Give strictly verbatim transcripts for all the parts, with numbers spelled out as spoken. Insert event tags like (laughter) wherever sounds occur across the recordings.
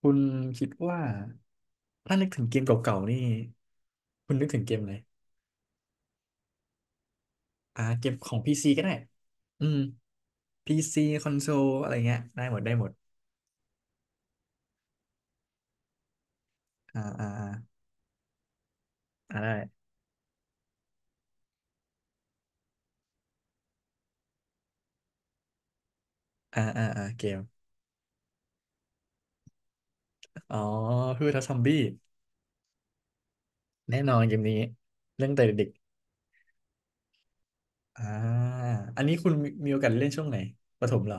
คุณคิดว่าถ้านึกถึงเกมเก่าๆนี่คุณนึกถึงเกมอะไรอ่าเกมของพีซีก็ได้อืมพีซีคอนโซลอะไรเงี้ยได้หมดได้หมดอ่าอ่าอ่าอ่าได้อ่าอ่าอ่าเกมอ๋อคือทัซอมบี้แน่นอนเกมนี้เรื่องแต่เด็กๆอ่าอันนี้คุณมีมีโอกาสเล่นช่วงไหนประถมเหรอ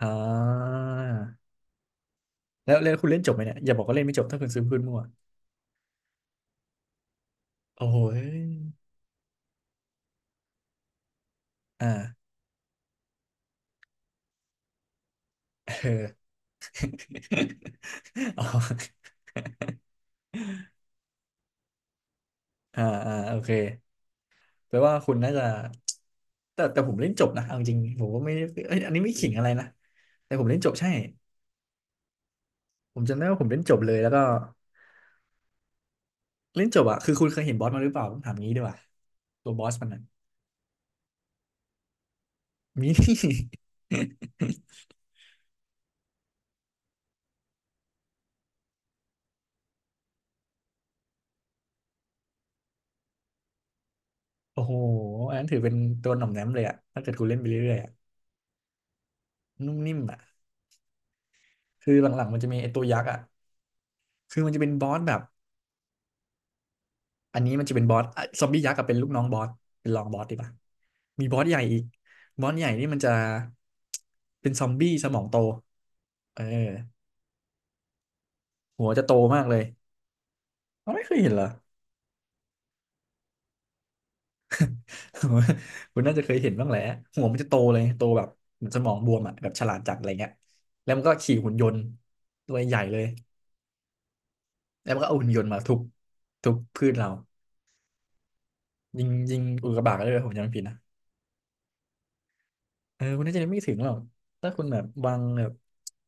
อ่าแล้วแล้วคุณเล่นจบไหมเนี่ยอย่าบอกว่าเล่นไม่จบถ้าคุณซื้อพื้นมั่วโอ้โหยอ่าเออ (laughs) อ๋อ อ่าอ่าโอเคแปลว่าคุณน่าจะแต่แต่ผมเล่นจบนะเอาจริงผมก็ไม่เอ้ยอันนี้ไม่ขิงอะไรนะแต่ผมเล่นจบใช่ผมจำได้ว่าผมเล่นจบเลยแล้วก็เล่นจบอะคือคุณเคยเห็นบอสมาหรือเปล่าผมถามงี้ดีกว่าตัวบอสมันน่ะมี (laughs) โอ้โหอันนั้นถือเป็นตัวหน่อมแนมเลยอะถ้าเกิดคุณเล่นไปเรื่อยๆอะนุ่มนิ่มอะคือหลังๆมันจะมีไอ้ตัวยักษ์อะคือมันจะเป็นบอสแบบ อันนี้มันจะเป็นบอสอ่ะซอมบี้ยักษ์กับเป็นลูกน้องบอสเป็นรองบอสดีป่ะมีบอสใหญ่อีกบอสใหญ่นี่มันจะเป็นซอมบี้สมองโตเออหัวจะโตมากเลยเราไม่เคยเห็นเหรอ (laughs) คุณน่าจะเคยเห็นบ้างแหละหัวมันจะโตเลยโตแบบเหมือนสมองบวมอ่ะแบบฉลาดจัดอะไรเงี้ยแล้วมันก็ขี่หุ่นยนต์ตัวใหญ่เลยแล้วมันก็เอาหุ่นยนต์มาทุบทุบพืชเรายิงยิงอุกกาบาตก็ได้เลยผมจำไม่ผิดนะ เออคุณน่าจะไม่ถึงหรอกถ้าคุณแบบวางแบบ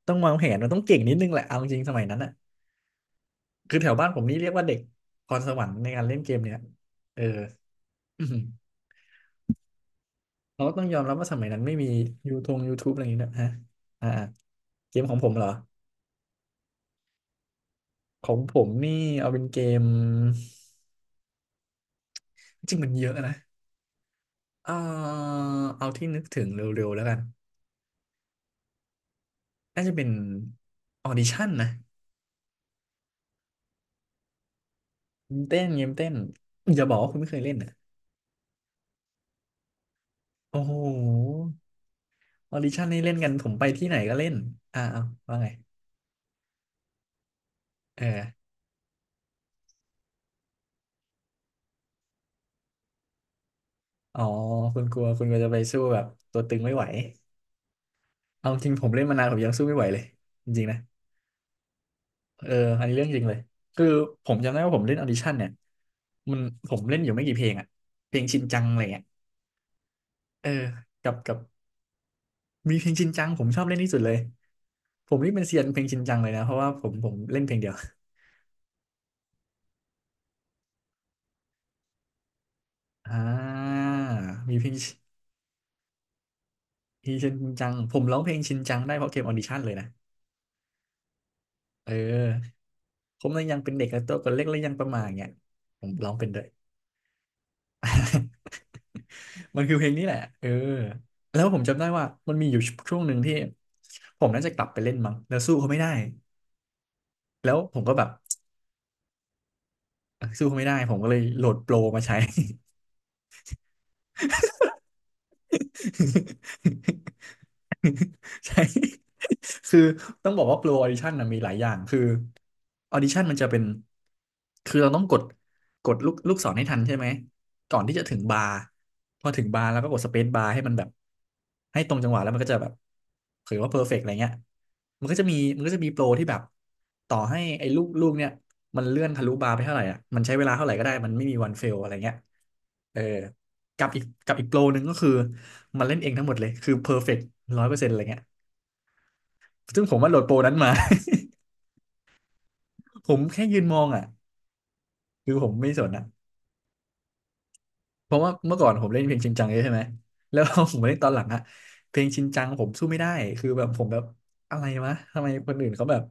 ต้องวางแผนมันต้องเก่งนิดนึงแหละเอาจริงสมัยนั้นอ่ะคือแถวบ้านผมนี่เรียกว่าเด็กพรสวรรค์ในการเล่นเกมเนี่ยเออ (coughs) อื้อหือเราก็ต้องยอมรับว่าสมัยนั้นไม่มียูทงยูทูบอะไรอย่างนี้นะฮะอ่าอ่าเกมของผมเหรอของผมนี่เอาเป็นเกมจริงมันเยอะนะเออเอาที่นึกถึงเร็วๆแล้วกันน่าจะเป็นออดิชั่นนะเต้นเกมเต้นอย่าบอกว่าคุณไม่เคยเล่นอ่ะโอ้โห ออดิชั่นนี่เล่นกันผมไปที่ไหนก็เล่นอ่าเอาว่าไงเอออ๋อคุณกลัวคุณกลัวจะไปสู้แบบตัวตึงไม่ไหวเอาจริงผมเล่นมานานผมยังสู้ไม่ไหวเลยจริงๆนะเอออันนี้เรื่องจริงเลยคือผมจำได้ว่าผมเล่นออดิชั่นเนี่ยมันผมเล่นอยู่ไม่กี่เพลงอะเพลงชินจังอะไรเงี้ยเออกับกับมีเพลงชินจังผมชอบเล่นที่สุดเลยผมนี่เป็นเซียนเพลงชินจังเลยนะเพราะว่าผมผมเล่นเพลงเดียวอ่ามีเพลงชินจังผมร้องเพลงชินจังได้เพราะเกมออดิชั่นเลยนะเออ ผมเลยยังเป็นเด็กและตัวก็เล็กและยังประมาอเงี้ยผมร้องเป็นด้วย (laughs) มันคือเพลงนี้แหละเออแล้วผมจำได้ว่ามันมีอยู่ช่วงหนึ่งที่ผมน่าจะกลับไปเล่นมั้งแล้วสู้เขาไม่ได้แล้วผมก็แบบสู้เขาไม่ได้ผมก็เลยโหลดโปรมาใช้ (laughs) ใช่ (laughs) คือต้องบอกว่าโปรออดิชั่นนะมีหลายอย่าง คือออดิชั่นมันจะเป็น คือเราต้องกดกดลูกลูกศรให้ทันใช่ไหม ก่อนที่จะถึงบาร์พอถึงบาร์แล้วก็กดสเปซบาร์ให้มันแบบให้ตรงจังหวะแล้วมันก็จะแบบถือว่าเพอร์เฟกต์อะไรเงี้ยมันก็จะมีมันก็จะมีโปรที่แบบ ต่อให้ไอ้ลูกลูกเนี่ยมันเลื่อนทะลุบาร์ไปเท่าไหร่อ่ะมันใช้เวลาเท่าไหร่ก็ได้ มันไม่มีวันเฟลอะไรเงี้ยเออกับอีกกับอีกโปรหนึ่งก็คือ มันเล่นเองทั้งหมดเลย คือเพอร์เฟกต์ร้อยเปอร์เซ็นต์อะไรเงี้ยซึ่งผมว่าโหลดโปรนั้นมา (laughs) ผมแค่ยืนมองอ่ะคือผมไม่สนอ่ะเพราะว่าเมื่อก่อนผมเล่นเพลงชินจังเยอะใช่ไหมแล้ว (laughs) ผมมาเล่นตอนหลังอ่ะเพลงชินจังผมสู้ไม่ได้คือแบบผมแบบอะไรวะทำไมคนอื่นเขาแบบ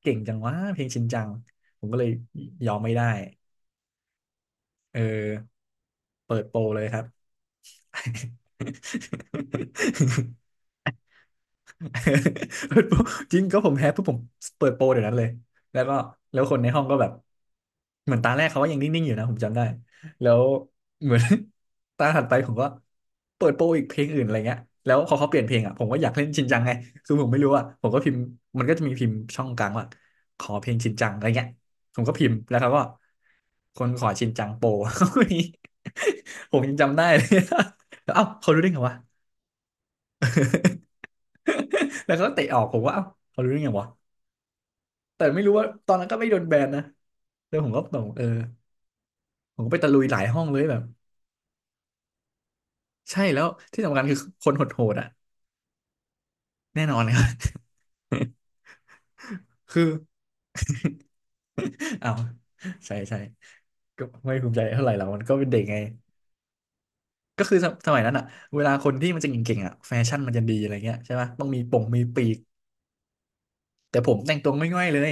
เก่งจังวะเพลงชินจังผมก็เลยยอมไม่ได้เออเปิดโปรเลยครับ (laughs) (laughs) เปิดโปรจริงก็ผมแพ้ปุ๊บผมเปิดโปรเดี๋ยวนั้นเลยแล้วก็แล้วคนในห้องก็แบบเหมือนตาแรกเขาก็ยังนิ่งๆอยู่นะผมจำได้แล้วเหมือน (laughs) ตาถัดไปผมก็เปิดโปรอีกเพลงอื่นอะไรเงี้ยแล้วพอเขาเปลี่ยนเพลงอ่ะผมก็อยากเล่นชินจังไงคือผมไม่รู้อ่ะผมก็พิมพ์มันก็จะมีพิมพ์ช่องกลางว่าขอเพลงชินจังอะไรเงี้ยผมก็พิมพ์แล้วเขาก็คนขอชินจังโปร (laughs) ผมยังจำได้เลย (laughs) แล้วเอ้าเขารู้ได้ไงวะแล้วเขาก็เตะออกผมว่าเอ้าเขารู้ได้ไงวะ แต่ไม่รู้ว่าตอนนั้นก็ไม่โดนแบนนะแล้วผมก็ตองเออผมก็ไปตะลุยหลายห้องเลยแบบใช่แล้วที่สำคัญคือคนโหดๆอ่ะแน่นอนครับ (laughs) คืออ้าวใช่ใช่ก็ไม่ภูมิใจเท่าไหร่หรอกมันก็เป็นเด็กไงก็คือสมสมัยนั้นอ่ะเวลาคนที่มันจะเก่งๆอ่ะแฟชั่นมันจะดีอะไรเงี้ยใช่ปะต้องมีปงมีปีกแต่ผมแต่งตัวง่อยๆเลย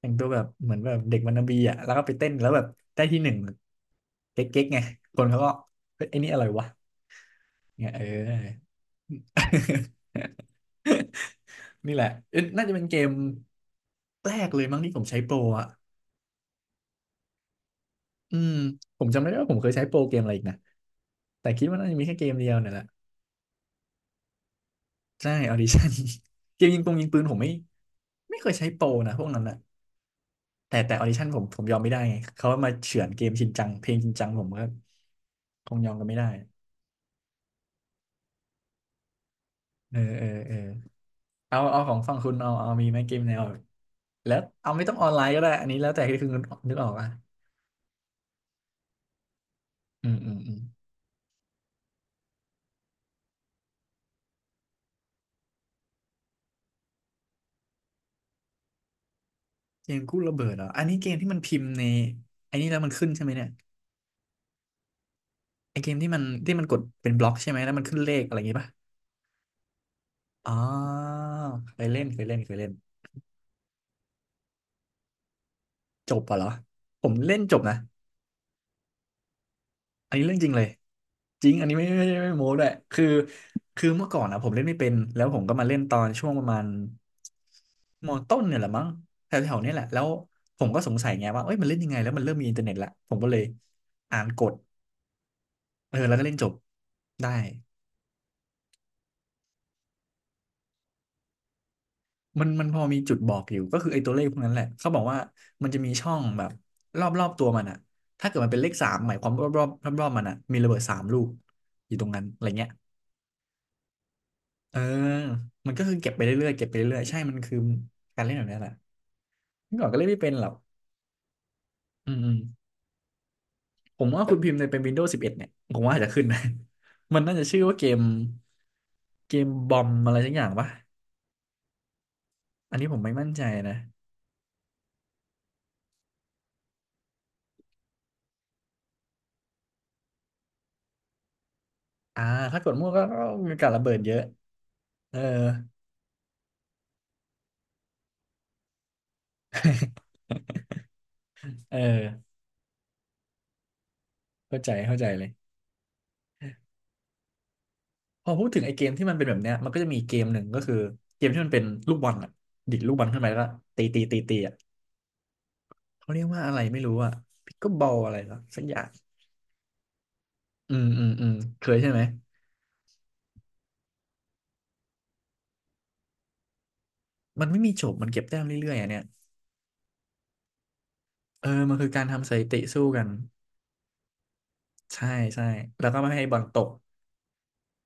แต่งตัวแบบเหมือนแบบเด็กวันนาบีอ่ะแล้วก็ไปเต้นแล้วแบบได้ที่หนึ่งเก๊กๆไงคนเขาก็เฮ้ยไอ้นี่อะไรวะเงี้ยเออ นี่แหละเอ๊ะน่าจะเป็นเกมแรกเลยมั้งที่ผมใช้โปรอ่ะอืมผมจำไม่ได้ว่าผมเคยใช้โปรเกมอะไรอีกนะแต่คิดว่าน่าจะมีแค่เกมเดียวเนี่ยแหละใช่ออดิชั่น (laughs) เกมยิงปงยิงปืนผมไม่ไม่เคยใช้โปรนะพวกนั้นอ่ะแต่แต่ออดิชั่นผมผมยอมไม่ได้ไงเขามาเฉือนเกมชินจังเพลงชินจังผมก็คงยอมกันไม่ได้เออเออเออเอาเอาของฝั่งคุณเอาเอามีไหมเกมแนวแล้วเอาไม่ต้องออนไลน์ก็ได้อันนี้แล้วแต่ที่คุณนึกออกอ่ะอืมอืมอืมเกมกู้ระเบิดเหรออันนี้เกมที่มันพิมพ์ในไอันนี้แล้วมันขึ้นใช่ไหมเนี่ย ไอเกมที่มันที่มันกดเป็นบล็อกใช่ไหมแล้วมันขึ้นเลขอะไรอย่างงี้ป่ะอ๋อเคยเล่นเคยเล่นเคยเล่นจบป่ะเหรอผมเล่นจบนะอันนี้เรื่องจริงเลยจริงอันนี้ไม่ไม่ไม่ไม่โม้ด้วยคือคือเมื่อก่อนนะผมเล่นไม่เป็นแล้วผมก็มาเล่นตอนช่วงประมาณมต้นเนี่ยแหละมั้งแถวๆเนี้ยแหละแล้วผมก็สงสัยไงว่าเอ้ยมันเล่นยังไงแล้วมันเริ่มมีอินเทอร์เน็ตละผมก็เลยอ่านกฎเออแล้วก็เล่นจบได้ มันมันพอมีจุดบอกอยู่ก็คือไอ้ตัวเลขพวกนั้นแหละเขาบอกว่ามันจะมีช่องแบบรอบรอบตัวมันอะถ้าเกิดมันเป็นเลขสามหมายความรอบรอบรอบรอบๆมันอะมีระเบิดสามลูกอยู่ตรงนั้นอะไรเงี้ยเออมันก็คือเก็บไปเรื่อยๆเก็บไปเรื่อยๆใช่มันคือการเล่นแบบนี้แหละเมื่อก่อนก็เล่นไม่เป็นหรอกอืมๆผมว่าคุณพิมพ์ในเป็น Windows สิบเอ็ดเอ็ดเนี่ยผมว่าอาจจะขึ้นนะ (laughs) มันน่าจะชื่อว่าเกมเกมบอมอะไรสักอย่างปะอันนี้ผมไม่มั่นใจนะอ่าถ้ากดมั่วก็ก็มีการระเบิดเยอะเออเออ เข้าใจเข้าใจเลยพอพูดถึงไอ้เกมที่มันเป็นแบบเนี้ยมันก็จะมีเกมหนึ่งก็คือเกมที่มันเป็นลูกบอลอ่ะดิดลูกบอลขึ้นไปแล้วก็ตีตีตีตีอ่ะเขาเรียกว่าอะไรไม่รู้อ่ะพิกเกิลบอลอะไรหรอสักอย่างอืมอืมอืมเคยใช่ไหมมันไม่มีจบมันเก็บแต้มเรื่อยๆอ่ะเนี่ยเออมันคือการทำสถิติสู้กันใช่ใช่แล้วก็ไม่ให้บอลตก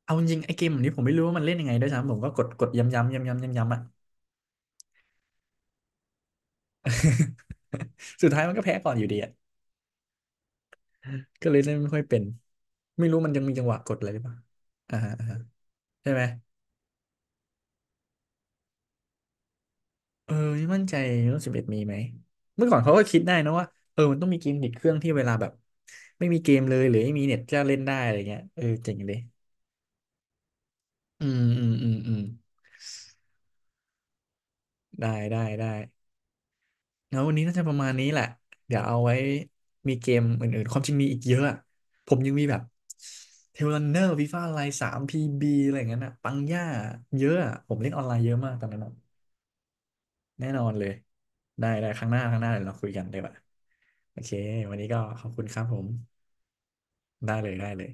เอาจริงๆไอ้เกมแบบนี้ผมไม่รู้ว่ามันเล่นยังไงด้วยซ้ำผมก็กดกดย้ำย้ำย้ำย้ำย้ำย้ำอ่ะ (laughs) สุดท้ายมันก็แพ้ก่อนอยู่ดีอ่ะก็เลยเล่นไม่ค่อยเป็นไม่รู้มันยังมีจังหวะกดอะไรหรือเปล่าอ่าฮะ ใช่ไหมเออไม่มั่นใจรุ่นสิบเอ็ดมีไหมเมื่อก่อนเขาก็คิดได้นะว่าเออมันต้องมีเกมติดเครื่องที่เวลาแบบไม่มีเกมเลยหรือไม่มีเน็ตจะเล่นได้อะไรเงี้ยเออเจ๋งเลยอืมอืมอืมอืมได้ได้ได้แล้ววันนี้น่าจะประมาณนี้แหละเดี๋ยวเอาไว้มีเกมอื่นๆความจริงมีอีกเยอะอะผมยังมีแบบเทลรันเนอร์ฟีฟ่าไลน์สามพีบีอะไรอย่างนั้นอะปังย่าเยอะอะผมเล่นออนไลน์เยอะมากตอนนั้นอะ แน่นอนเลยได้ได้ครั้งหน้าครั้งหน้าเดี๋ยวเราคุยกันได้ป่ะโอเควันนี้ก็ขอบคุณครับผมได้เลยได้เลย